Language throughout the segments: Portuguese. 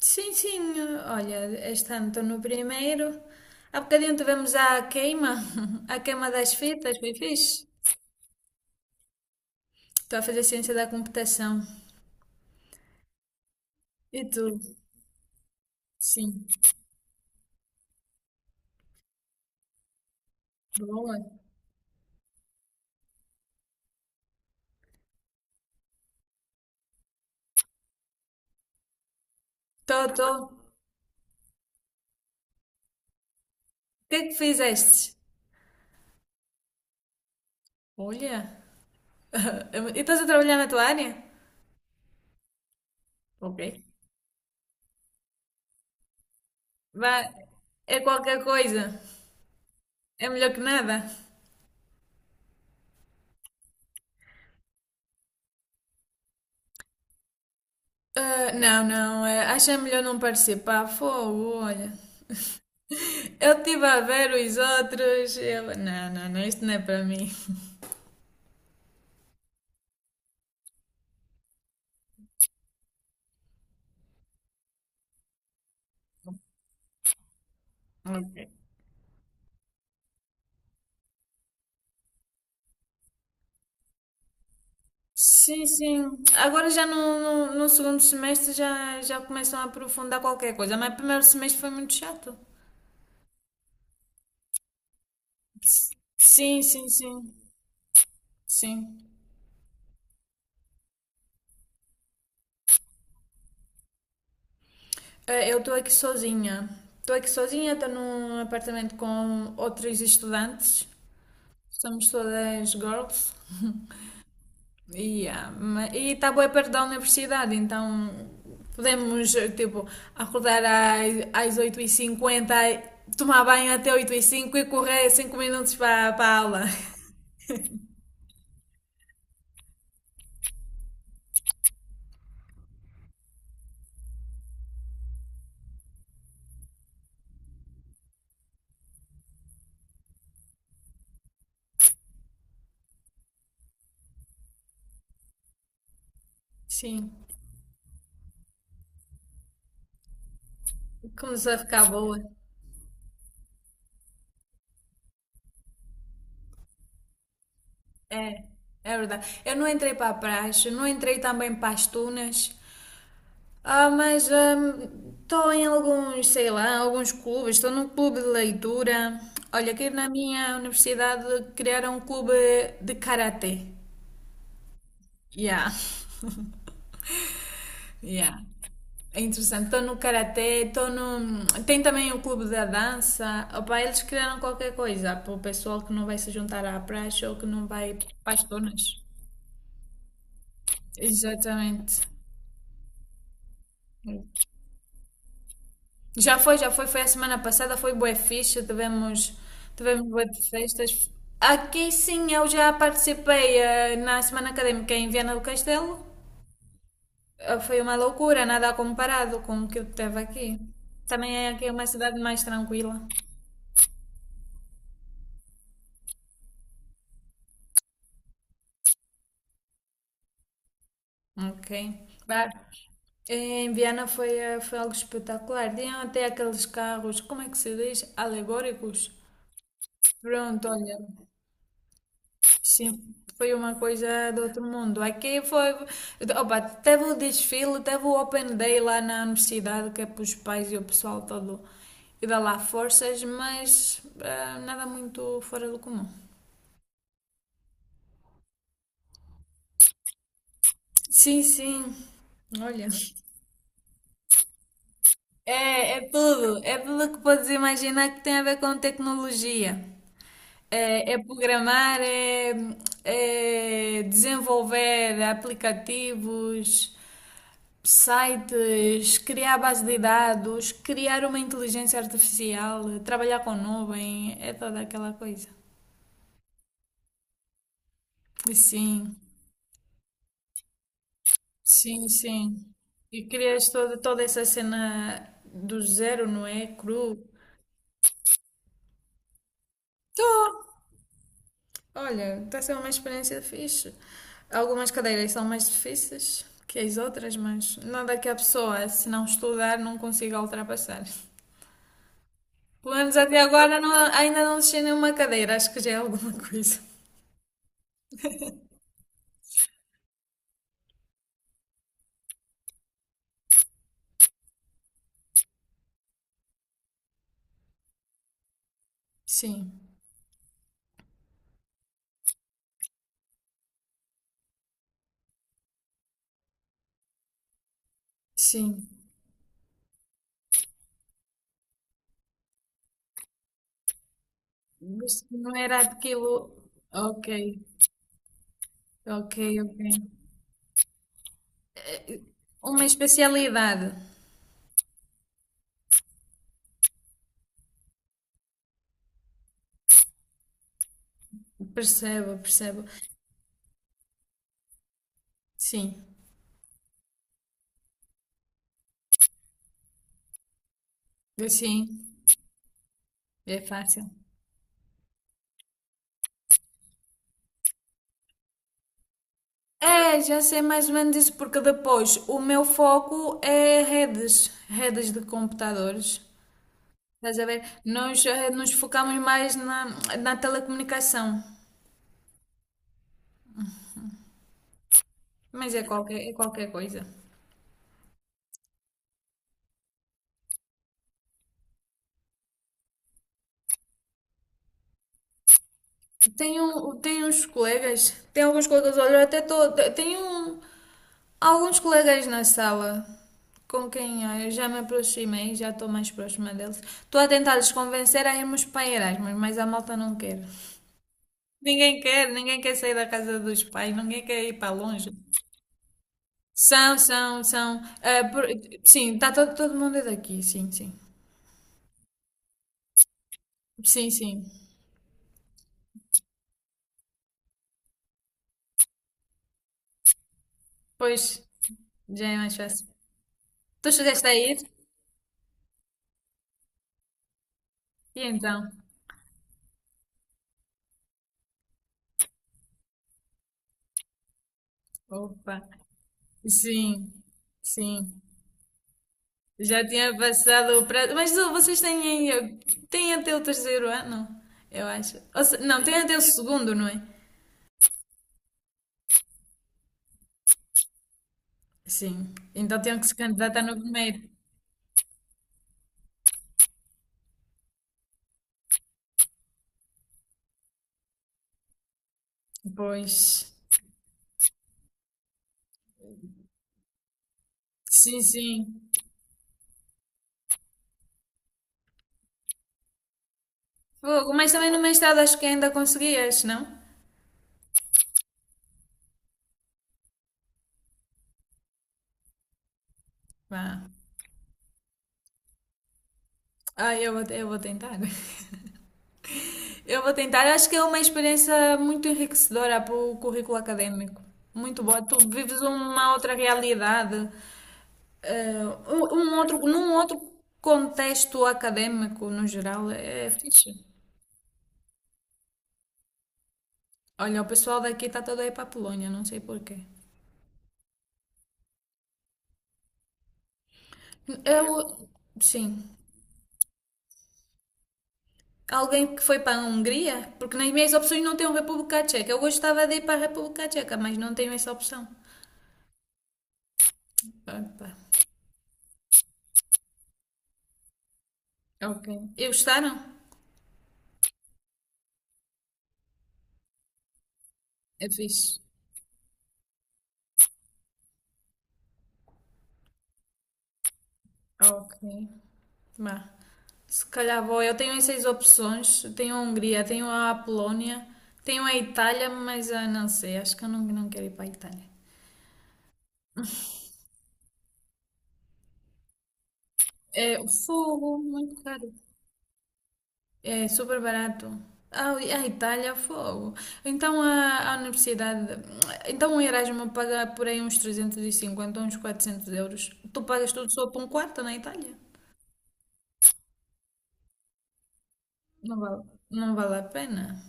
Sim, sim, olha, este ano estou no primeiro. Há bocadinho tivemos a queima das fitas, foi fixe. Estou a fazer ciência da computação. E tu? Sim, boa. Estou, estou. O que é que fizeste? Olha, e estás a trabalhar na tua área? Ok. Vá, é qualquer coisa. É melhor que nada. Ah, não, não, acho é melhor não participar. Fogo, olha. Eu estive a ver os outros. Eu... Não, não, não, isto não é para mim. Ok. Sim, sim. Agora já no segundo semestre já começam a aprofundar qualquer coisa, mas o primeiro semestre foi muito chato. Sim, sim, sim. Sim. Eu estou aqui sozinha. Estou aqui sozinha, estou num apartamento com outros estudantes. Somos todas girls. Yeah, e está bué perto da universidade, então podemos tipo, acordar às 8:50, tomar banho até 8:05 e correr 5 minutos para a aula. Sim, começou a ficar boa. É, é verdade. Eu não entrei para a praxe, não entrei também para as tunas, mas estou em alguns, sei lá, alguns clubes, estou num clube de leitura. Olha, aqui na minha universidade criaram um clube de karatê. Yeah, yeah. É interessante. Estou no karatê, estou no. Tem também o clube da dança. Opa, eles criaram qualquer coisa para o pessoal que não vai se juntar à praxe ou que não vai para as zonas. Exatamente. Já foi, já foi. Foi a semana passada, foi bué fixe. Tivemos bué de festas. Aqui sim, eu já participei na semana académica em Viana do Castelo. Foi uma loucura, nada comparado com o que eu teve aqui. Também é aqui uma cidade mais tranquila. Ok. Bah, em Viena foi algo espetacular. Tinham até aqueles carros, como é que se diz? Alegóricos. Pronto, olha, sim, foi uma coisa do outro mundo. Aqui foi. Opa, teve o desfile, teve o Open Day lá na universidade, que é para os pais e o pessoal todo e dá lá forças, mas nada muito fora do comum. Sim, sim, olha. É tudo. É tudo que podes imaginar que tem a ver com tecnologia. É programar, é desenvolver aplicativos, sites, criar base de dados, criar uma inteligência artificial, trabalhar com nuvem, é toda aquela coisa. E sim, sim, sim. E crias toda essa cena do zero, não é? Cru. Tô. Olha, está a ser uma experiência fixe. Algumas cadeiras são mais difíceis que as outras, mas nada que a pessoa, se não estudar, não consiga ultrapassar. Pelo menos até agora ainda não deixei nenhuma cadeira, acho que já é alguma coisa. Sim, sim. Mas não era aquilo. Ok, ok, ok. Uma especialidade. Percebo, percebo. Sim, assim é fácil. É, já sei mais ou menos isso, porque depois o meu foco é redes, redes de computadores. Estás a ver? Nós nos focamos mais na telecomunicação, mas é qualquer coisa. Tenho uns colegas, tenho alguns colegas, olha, eu até tô, tenho alguns colegas na sala com quem eu já me aproximei, já estou mais próxima deles. Estou a tentar-los convencer a irmos para Erasmus, mas a malta não quer. Ninguém quer, ninguém quer sair da casa dos pais, ninguém quer ir para longe. São, são, são. Sim, está todo mundo é daqui, sim, sim. Sim, sim. Pois, já é mais fácil. Tu chegaste a ir? E então? Opa, sim, sim. Já tinha passado o prazo. Mas oh, vocês têm até o terceiro ano, eu acho. Ou não, têm até o segundo, não é? Sim. Então tinham que se candidatar no primeiro. Pois. Sim, sim. Fogo, mas também no mestrado acho que ainda conseguias, não? Vá. Ah, eu vou tentar. Eu vou tentar. Acho que é uma experiência muito enriquecedora para o currículo académico. Muito boa. Tu vives uma outra realidade, num outro contexto académico no geral. É fixe. Olha, o pessoal daqui está todo aí para a Polónia, não sei porquê. Eu, sim, alguém que foi para a Hungria, porque nas minhas opções não tem a República Tcheca. Eu gostava de ir para a República Tcheca, mas não tenho essa opção. Opa. Ok. E gostaram? É fixe. Ok. Bah. Se calhar vou. Eu tenho essas opções. Tenho a Hungria, tenho a Polónia, tenho a Itália, mas não sei. Acho que eu não quero ir para a Itália. É, o fogo, muito caro. É super barato. Ah, a Itália, fogo. Então a universidade. Então o erasmus paga por aí uns 350, uns 400 euros. Tu pagas tudo só para um quarto na Itália? Não vale, não vale a pena.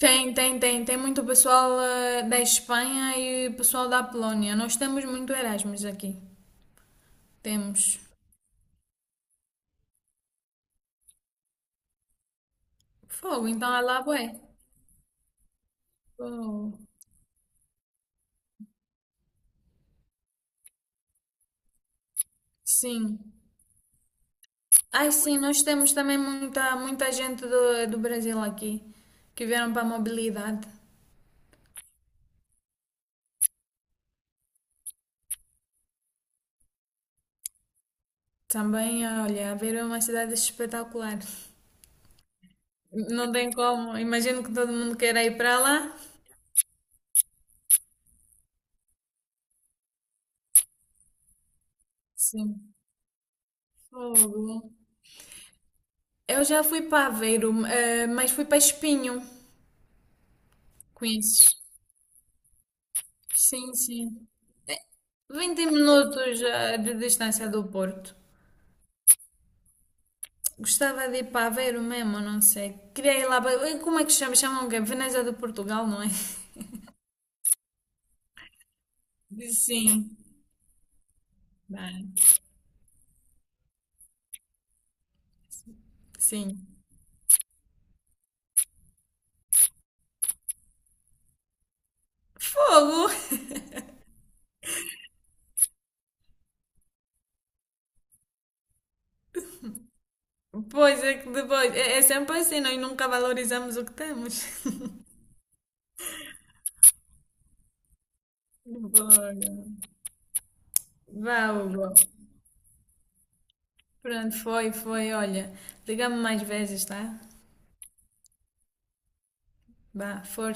Tem, tem, tem. Tem muito pessoal da Espanha e pessoal da Polónia. Nós temos muito Erasmus aqui. Temos. Fogo, então é lá, bué. Fogo. Sim. Ai, sim, nós temos também muita, muita gente do Brasil aqui que vieram para a mobilidade. Também, olha, Aveiro é uma cidade espetacular. Não tem como. Imagino que todo mundo queira ir para lá. Sim. Fogo. Eu já fui para Aveiro, mas fui para Espinho. Conheces? Sim, sim. 20 minutos de distância do Porto. Gostava de ir para Aveiro mesmo, não sei. Queria ir lá para... Como é que chama? Chamam o quê? Veneza de Portugal, não é? Sim, bem, sim. Fogo! Pois é que depois. É sempre assim, nós nunca valorizamos o que temos. Bora. Vá, Hugo. Pronto, foi. Olha, liga-me mais vezes, tá? Vá, força.